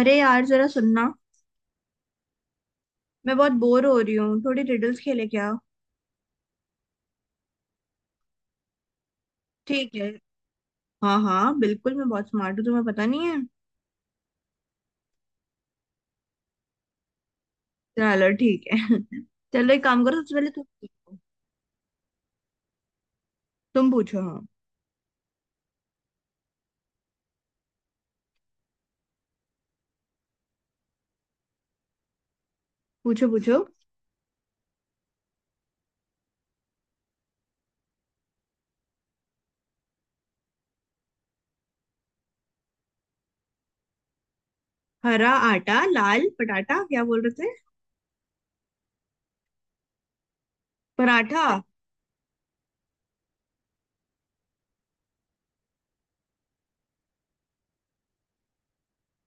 अरे यार जरा सुनना। मैं बहुत बोर हो रही हूँ, थोड़ी रिडल्स खेले क्या? ठीक है। हाँ हाँ, बिल्कुल, मैं बहुत स्मार्ट हूँ, तुम्हें पता नहीं है। चलो ठीक है। चलो एक काम करो, सबसे पहले तुम पूछो। तुम पूछो, हाँ। पूछो पूछो। हरा आटा लाल पटाटा, क्या बोल रहे थे? पराठा।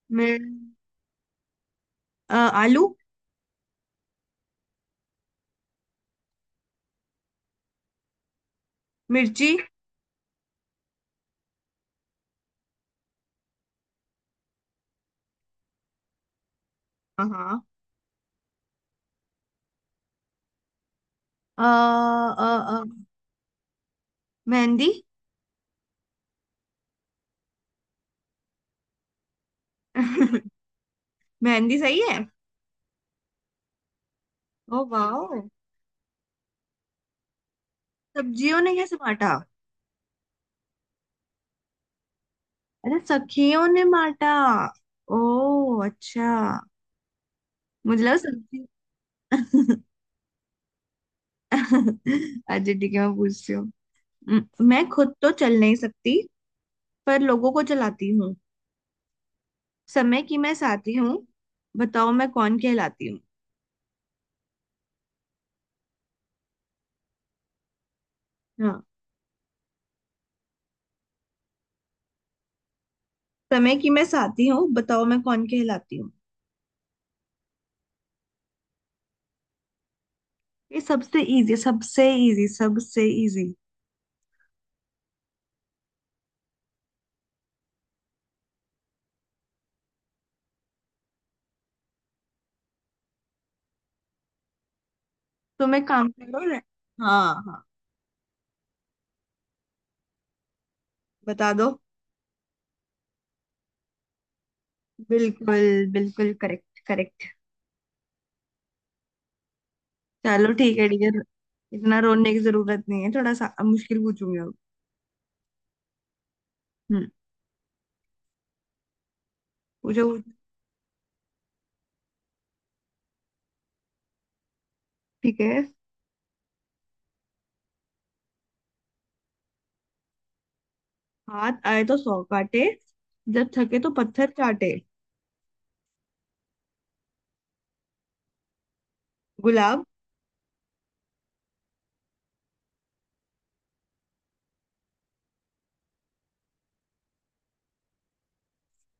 मिर अ, आलू। मिर्ची। हाँ हाँ। अ, अ, अ, मेहंदी। मेहंदी सही है। ओ वाह। सब्जियों ने कैसे बांटा? अरे सखियों ने माटा। ओ अच्छा, मुझे लगा सब्जी। अच्छा ठीक है। मैं पूछती हूँ। म- मैं खुद तो चल नहीं सकती, पर लोगों को चलाती हूँ। समय की मैं साथी हूँ, बताओ मैं कौन कहलाती हूँ? हाँ। समय की मैं साथी हूँ, बताओ मैं कौन कहलाती हूँ। ये सबसे इजी, सबसे इजी, सबसे इजी। तुम एक काम करो रे- हाँ हाँ, बता दो। बिल्कुल, बिल्कुल करेक्ट करेक्ट। चलो ठीक है डियर, इतना रोने की जरूरत नहीं है। थोड़ा सा अब मुश्किल पूछूंगी अब। हम्म। पूछो पूछो। ठीक है। हाथ आए तो सौ काटे, जब थके तो पत्थर चाटे। गुलाब।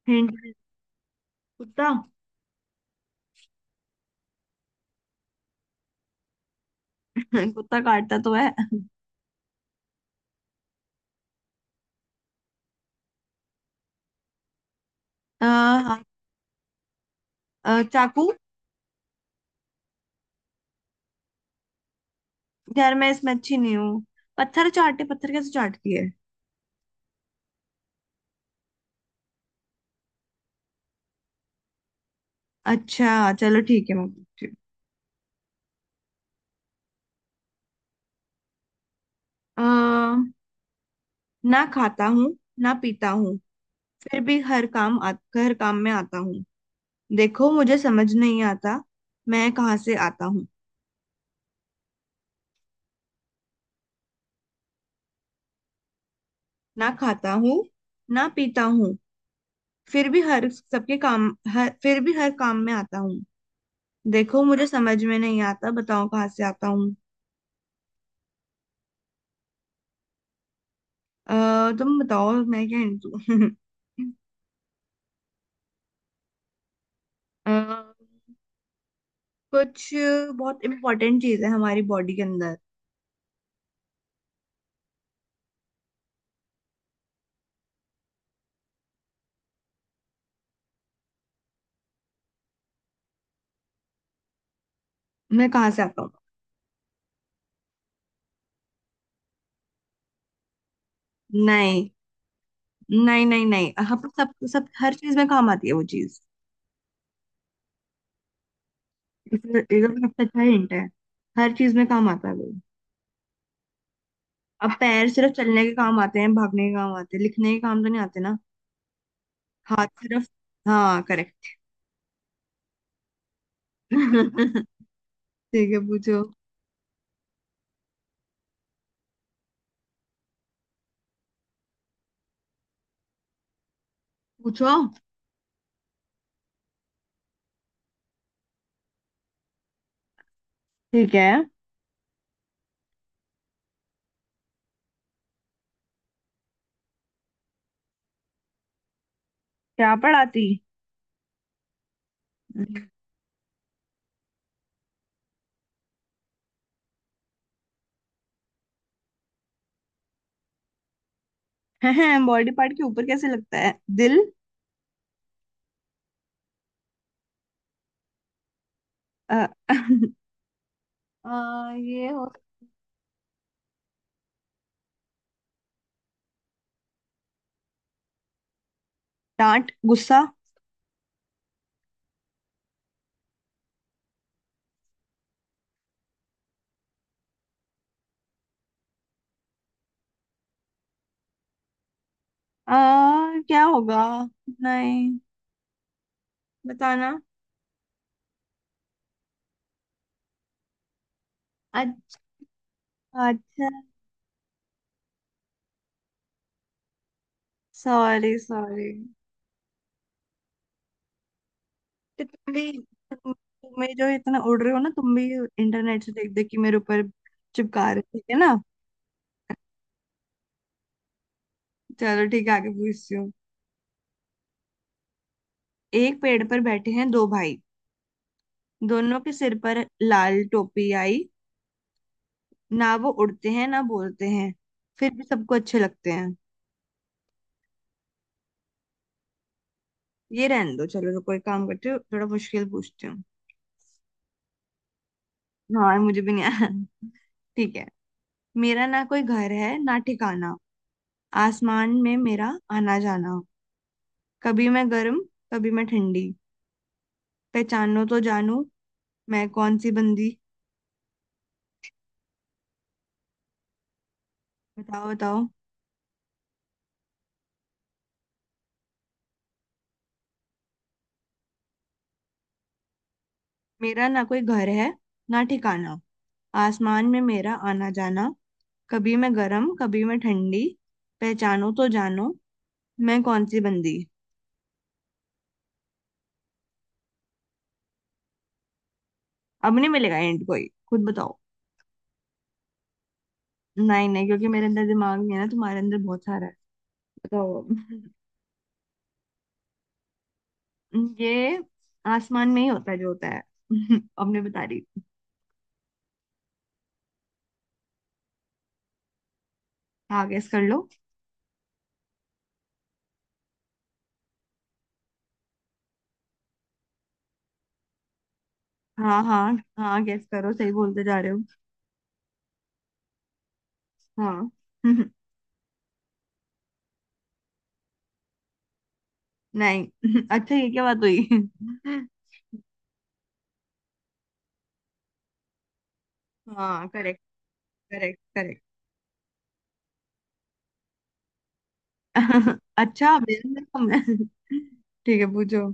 हिंट। कुत्ता। कुत्ता काटता तो है। हाँ, चाकू। यार मैं इसमें अच्छी नहीं हूँ। पत्थर चाटे, पत्थर कैसे चाटती है? अच्छा चलो ठीक है, मैं पूछती हूँ। अ, ना खाता हूँ, ना पीता हूँ, फिर भी हर काम में आता हूँ। देखो मुझे समझ नहीं आता, मैं कहाँ से आता हूँ। ना खाता हूँ, ना पीता हूँ, फिर भी हर सबके काम, हर फिर भी हर काम में आता हूँ। देखो मुझे समझ में नहीं आता, बताओ कहाँ से आता हूँ। तुम बताओ मैं क्या हिंट दूँ। अ, कुछ, बहुत इम्पोर्टेंट चीज है हमारी बॉडी के अंदर। मैं कहाँ से आता हूँ? नहीं नहीं, नहीं हम सब, हर चीज में काम आती है वो चीज। इधर सबसे अच्छा हिंट है, हर चीज में काम आता है वो। अब पैर सिर्फ चलने के काम आते हैं, भागने के काम आते हैं, लिखने के काम तो नहीं आते ना। हाथ सिर्फ, हाँ करेक्ट। ठीक है, पूछो पूछो। ठीक है। क्या पढ़ाती? बॉडी पार्ट के ऊपर कैसे लगता है? दिल? अ, ये हो, डांट, गुस्सा। अ, क्या होगा? नहीं। बताना। अच्छा। अच्छा। Sorry sorry. कि तुम भी, तुम भी जो इतना उड़ रहे हो ना, तुम भी इंटरनेट से देख देख के मेरे ऊपर चिपका रहे हो, ठीक है ना। चलो ठीक है, आगे पूछती हूँ। एक पेड़ पर बैठे हैं दो भाई, दोनों के सिर पर लाल टोपी आई। ना वो उड़ते हैं, ना बोलते हैं, फिर भी सबको अच्छे लगते हैं। ये रहने दो, चलो तो कोई काम करती हूँ, थोड़ा मुश्किल पूछती हूँ। हाँ, मुझे भी नहीं आया। ठीक है। मेरा ना कोई घर है, ना ठिकाना। आसमान में मेरा आना जाना। कभी मैं गर्म, कभी मैं ठंडी। पहचानो तो जानू, मैं कौन सी बंदी। बताओ बताओ। मेरा ना कोई घर है, ना ठिकाना। आसमान में मेरा आना जाना। कभी मैं गरम, कभी मैं ठंडी। पहचानो तो जानो, मैं कौन सी बंदी। अब नहीं मिलेगा एंड, कोई खुद बताओ। नहीं नहीं, क्योंकि मेरे अंदर दिमाग नहीं है ना, तुम्हारे अंदर बहुत सारा है। बताओ अब। ये आसमान में ही होता है, जो होता है। अब नहीं बता रही। हाँ गैस कर लो। हाँ हाँ हाँ, गैस करो, सही बोलते जा रहे हो। हाँ। नहीं। अच्छा ये क्या बात हुई। हाँ करेक्ट, करेक्ट। अच्छा, मेरा नाम है। ठीक है, पूछो।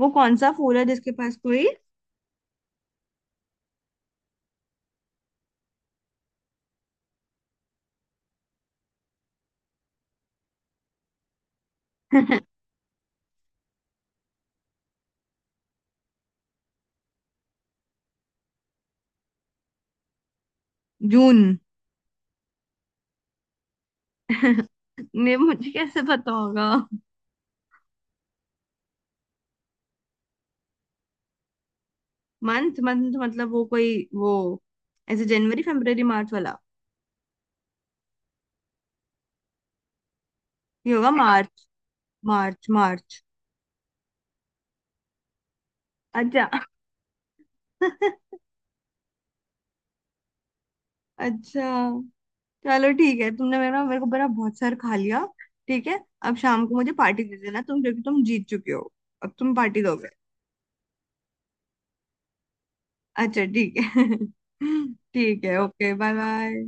वो कौन सा फूल है जिसके पास कोई? जून। ने मुझे कैसे पता होगा? मंथ, मंथ मतलब वो कोई वो, ऐसे जनवरी फरवरी मार्च वाला? ये होगा मार्च। मार्च, मार्च। अच्छा। अच्छा चलो ठीक है, तुमने मेरा, मेरे को बड़ा बहुत सार खा लिया। ठीक है। अब शाम को मुझे पार्टी दे देना तुम, क्योंकि तुम जीत चुके हो। अब तुम पार्टी दोगे। अच्छा ठीक है। ठीक है, ओके बाय बाय।